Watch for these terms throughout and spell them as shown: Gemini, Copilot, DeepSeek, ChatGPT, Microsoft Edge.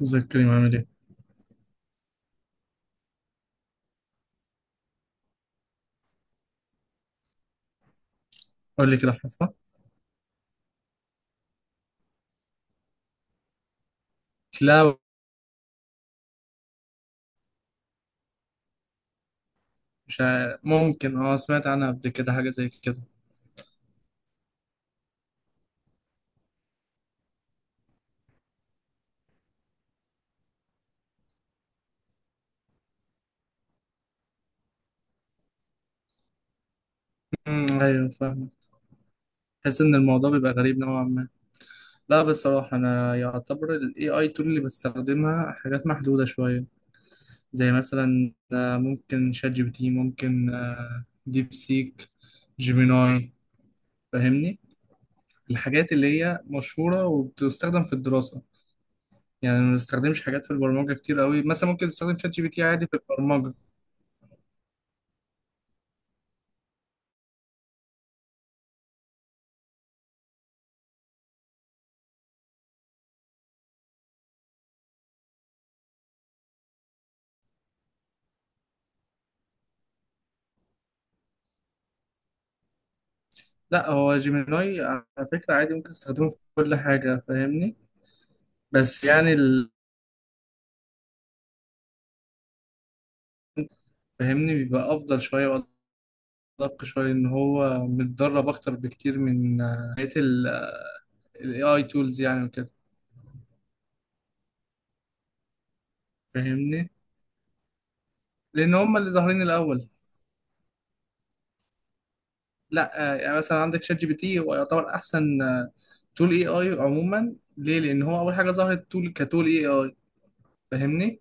زي الكريم، عامل ايه؟ قول لي كده حفرة. لا، مش عارف. ممكن، سمعت عنها قبل كده حاجة زي كده. ايوه، فاهم. بحس ان الموضوع بيبقى غريب نوعا ما. لا بصراحة انا يعتبر ال AI tool اللي بستخدمها حاجات محدودة شوية، زي مثلا ممكن شات جي بي تي، ممكن ديب سيك، جيميناي. فاهمني، الحاجات اللي هي مشهورة وبتستخدم في الدراسة. يعني ما بستخدمش حاجات في البرمجة كتير قوي، مثلا ممكن تستخدم شات جي بي تي عادي في البرمجة. لا، هو جيميناي على فكرة عادي ممكن تستخدمه في كل حاجة، فاهمني؟ بس يعني فاهمني، بيبقى أفضل شوية وأدق شوية، لأن هو متدرب أكتر بكتير من بقية ال AI tools يعني وكده. فاهمني، لأن هم اللي ظاهرين الأول. لا يعني مثلا عندك شات جي بي تي، هو يعتبر أحسن تول اي اي عموما. ليه؟ لان هو اول حاجه ظهرت تول كتول اي اي، فاهمني.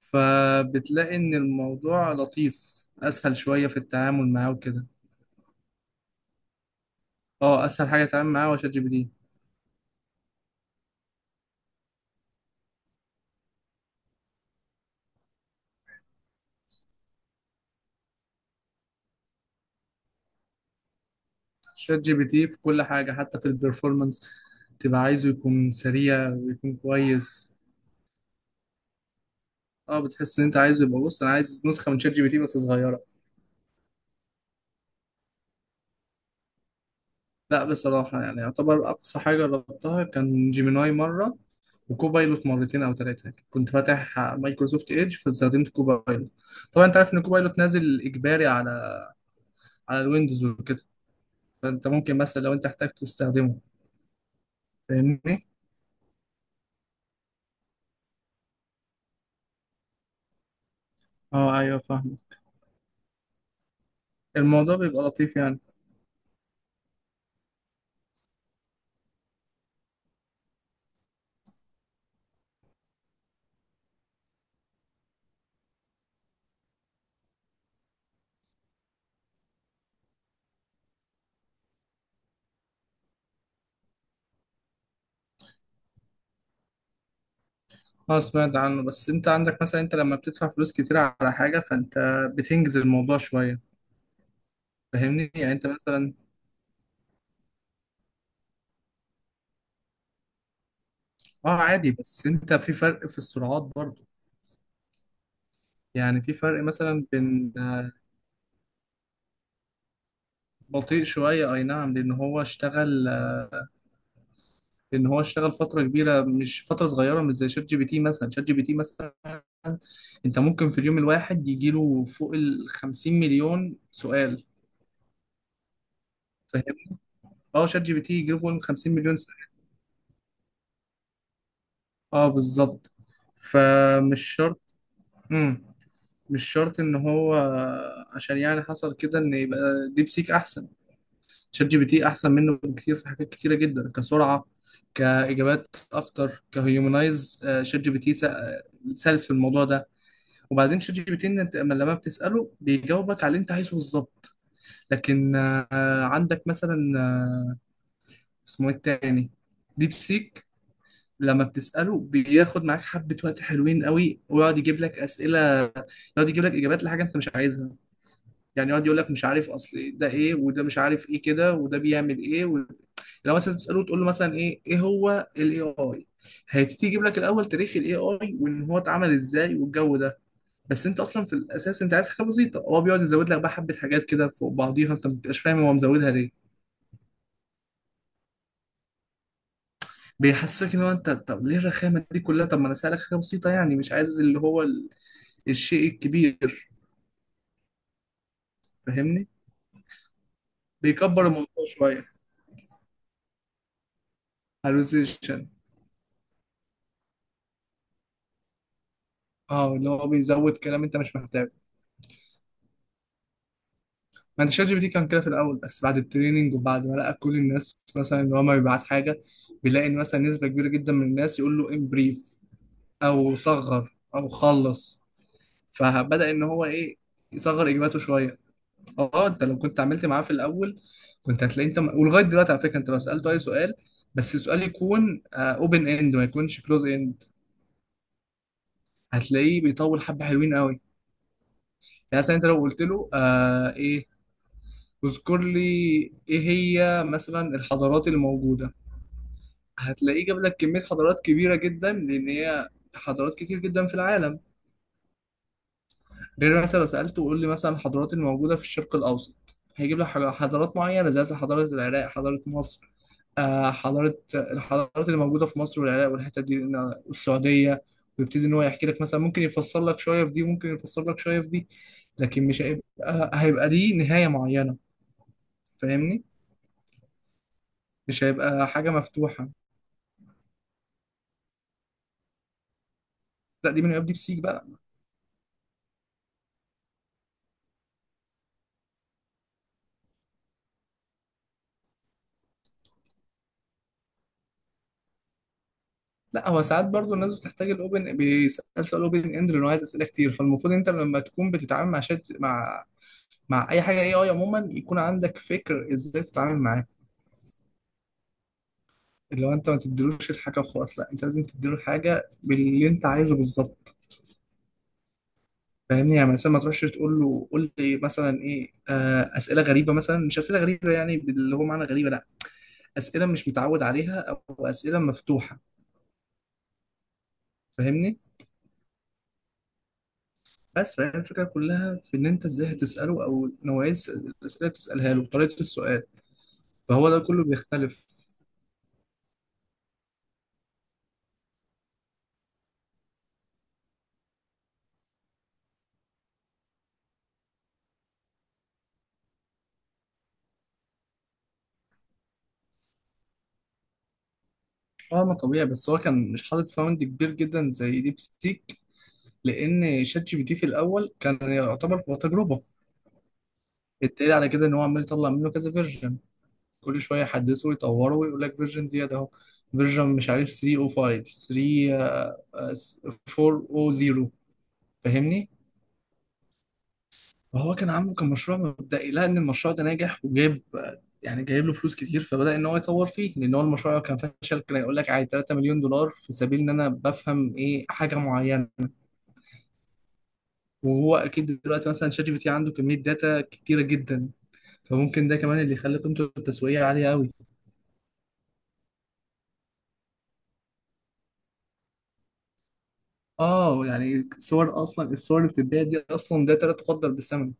فبتلاقي ان الموضوع لطيف، اسهل شويه في التعامل معاه وكده. اه، اسهل حاجه تتعامل معاه هو شات جي بي تي. شات جي بي تي في كل حاجه، حتى في البرفورمانس تبقى عايزه يكون سريع ويكون كويس. اه، بتحس ان انت عايزه يبقى، بص انا عايز نسخه من شات جي بي تي بس صغيره. لا بصراحه، يعني يعتبر اقصى حاجه جربتها كان جيميناي مره، وكوبايلوت مرتين او ثلاثه. كنت فاتح مايكروسوفت ايدج فاستخدمت كوبايلوت. طبعا انت عارف ان كوبايلوت نازل اجباري على على الويندوز وكده، فانت ممكن مثلا لو انت احتاجت تستخدمه، فاهمني. اه ايوه فاهم. الموضوع بيبقى لطيف يعني. اه، سمعت عنه، بس انت عندك مثلا، انت لما بتدفع فلوس كتير على حاجة فانت بتنجز الموضوع شوية، فاهمني؟ يعني انت مثلا، اه عادي، بس انت في فرق في السرعات برضو. يعني في فرق مثلا بين بطيء شوية، اي نعم، لان هو اشتغل لان هو اشتغل فترة كبيرة، مش فترة صغيرة، مش زي شات جي بي تي. مثلا شات جي بي تي مثلا، انت ممكن في اليوم الواحد يجيله فوق ال 50 مليون سؤال، فاهمني؟ اه، شات جي بي تي يجيله فوق ال 50 مليون سؤال. اه بالظبط. فمش شرط، مش شرط ان هو، عشان يعني حصل كده ان يبقى ديب سيك احسن. شات جي بي تي احسن منه بكتير في حاجات كتيره جدا، كسرعه، كاجابات اكتر، كهيومنايز. شات جي بي تي سلس في الموضوع ده. وبعدين شات جي بي تي، إن انت لما بتساله بيجاوبك على اللي انت عايزه بالظبط. لكن عندك مثلا اسمه ايه التاني، ديب سيك، لما بتساله بياخد معاك حبه وقت حلوين قوي، ويقعد يجيب لك اسئله، يقعد يجيب لك اجابات لحاجه انت مش عايزها. يعني يقعد يقول لك مش عارف اصل ده ايه، وده مش عارف ايه كده، وده بيعمل ايه و... لو مثلا تساله، تقول له مثلا ايه، ايه هو الاي اي، هيبتدي يجيب لك الاول تاريخ الاي اي، وان هو اتعمل ازاي، والجو ده. بس انت اصلا في الاساس انت عايز حاجه بسيطه، هو بيقعد يزود لك بقى حبه حاجات كده فوق بعضيها انت ما بتبقاش فاهم هو مزودها ليه. بيحسسك ان هو، انت طب ليه الرخامه دي كلها؟ طب ما انا سالك حاجه بسيطه، يعني مش عايز اللي هو ال... الشيء الكبير. فاهمني، بيكبر الموضوع شويه. هلوسيشن، اه اللي هو بيزود كلام انت مش محتاجه. ما انت شات جي بي تي كان كده في الاول، بس بعد التريننج وبعد ما لقى كل الناس مثلا ان هو ما بيبعت حاجه، بيلاقي ان مثلا نسبه كبيره جدا من الناس يقول له امبريف، او صغر، او خلص. فبدا ان هو ايه، يصغر اجاباته شويه. اه انت لو كنت عملت معاه في الاول كنت هتلاقي، انت ولغايه دلوقتي على فكره، انت لو سالته اي سؤال، بس السؤال يكون اوبن اند ما يكونش كلوز اند، هتلاقيه بيطول حبه حلوين قوي. يعني مثلا انت لو قلت له آه ايه، اذكر لي ايه هي مثلا الحضارات الموجوده، هتلاقيه جاب لك كمية حضارات كبيرة جدا، لأن هي حضارات كتير جدا في العالم. غير مثلا لو سألته قول لي مثلا الحضارات الموجودة في الشرق الأوسط، هيجيب لك حضارات معينة، زي مثلا حضارة العراق، حضارة مصر، حضارة الحضارات اللي موجودة في مصر والعراق والحتة دي، والسعودية. ويبتدي إن هو يحكي لك، مثلا ممكن يفسر لك شوية في دي، ممكن يفسر لك شوية في دي، لكن مش هيبقى ليه نهاية معينة، فاهمني؟ مش هيبقى حاجة مفتوحة. لا دي من يبدي بسيك بقى. لا هو ساعات برضو الناس بتحتاج الاوبن، بيسال سؤال اوبن اند لانه عايز اسئله كتير. فالمفروض انت لما تكون بتتعامل مع شات، مع مع اي حاجه اي اي عموما، يكون عندك فكر ازاي تتعامل معاه. اللي هو انت ما تديلوش الحاجه وخلاص، لا انت لازم تديله الحاجه باللي انت عايزه بالظبط. فاهمني، يعني مثلا ما تروحش تقول له قول لي مثلا ايه، اسئله غريبه مثلا، مش اسئله غريبه يعني اللي هو معنى غريبه، لا، اسئله مش متعود عليها، او اسئله مفتوحه. فاهمني؟ بس فهي الفكرة كلها في إن أنت إزاي هتسأله، أو نوعية الأسئلة اللي بتسألها له، طريقة السؤال، فهو ده كله بيختلف. اه ما طبيعي، بس هو كان مش حاطط فوند كبير جدا زي ديب ستيك، لأن شات جي بي تي في الأول كان يعتبر هو تجربة. التالي على كده إن هو عمال يطلع منه كذا فيرجن، كل شوية يحدثه ويطوره ويقول لك فيرجن زيادة أهو. فيرجن مش عارف 305، 3، 400، فاهمني؟ فهو كان عامله كمشروع مبدئي، لقى ان المشروع ده ناجح وجايب، يعني جايب له فلوس كتير، فبدأ ان هو يطور فيه، لان هو المشروع لو كان فشل كان يقول لك عادي 3 مليون دولار في سبيل ان انا بفهم ايه، حاجه معينه. وهو اكيد دلوقتي مثلا شات جي بي تي عنده كميه داتا كتيره جدا، فممكن ده كمان اللي يخلي قيمته التسويقيه عاليه قوي. اه يعني صور، اصلا الصور اللي بتتباع دي اصلا داتا لا تقدر بثمن.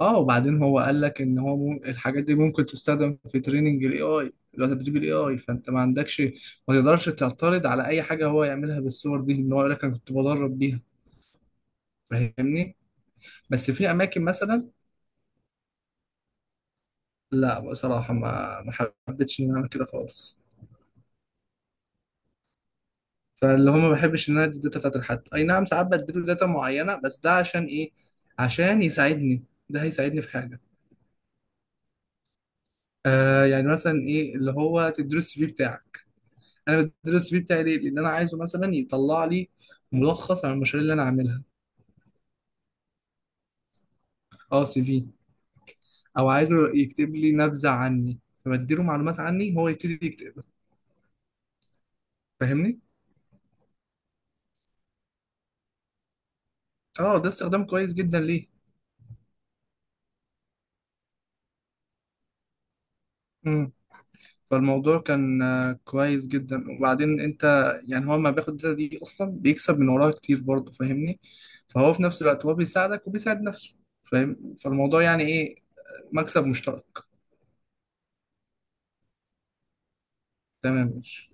اه وبعدين هو قال لك ان هو الحاجات دي ممكن تستخدم في تريننج الاي اي، اللي هو تدريب الاي اي، فانت ما عندكش، ما تقدرش تعترض على اي حاجه هو يعملها بالصور دي، ان هو يقول لك انا كنت بدرب بيها. فاهمني، بس في اماكن مثلا. لا بصراحه، ما حبيتش ان انا اعمل كده خالص. فاللي هو ما بحبش ان انا ادي الداتا بتاعت لحد، اي نعم ساعات بديله داتا معينه، بس ده عشان ايه؟ عشان يساعدني، ده هيساعدني في حاجه. آه يعني مثلا ايه، اللي هو تديله السي في بتاعك، انا بدرس السي في بتاعي ليه؟ لان انا عايزه مثلا يطلع لي ملخص عن المشاريع اللي انا عاملها. اه سي في، او عايزه يكتب لي نبذه عني، فبديله معلومات عني هو يبتدي يكتب، فاهمني؟ اه ده استخدام كويس جدا. ليه؟ امم فالموضوع كان كويس جدا. وبعدين انت، يعني هو ما بياخد الداتا دي، اصلا بيكسب من وراها كتير برضه، فاهمني؟ فهو في نفس الوقت هو بيساعدك وبيساعد نفسه. فاهم؟ فالموضوع يعني ايه، مكسب مشترك. تمام، ماشي.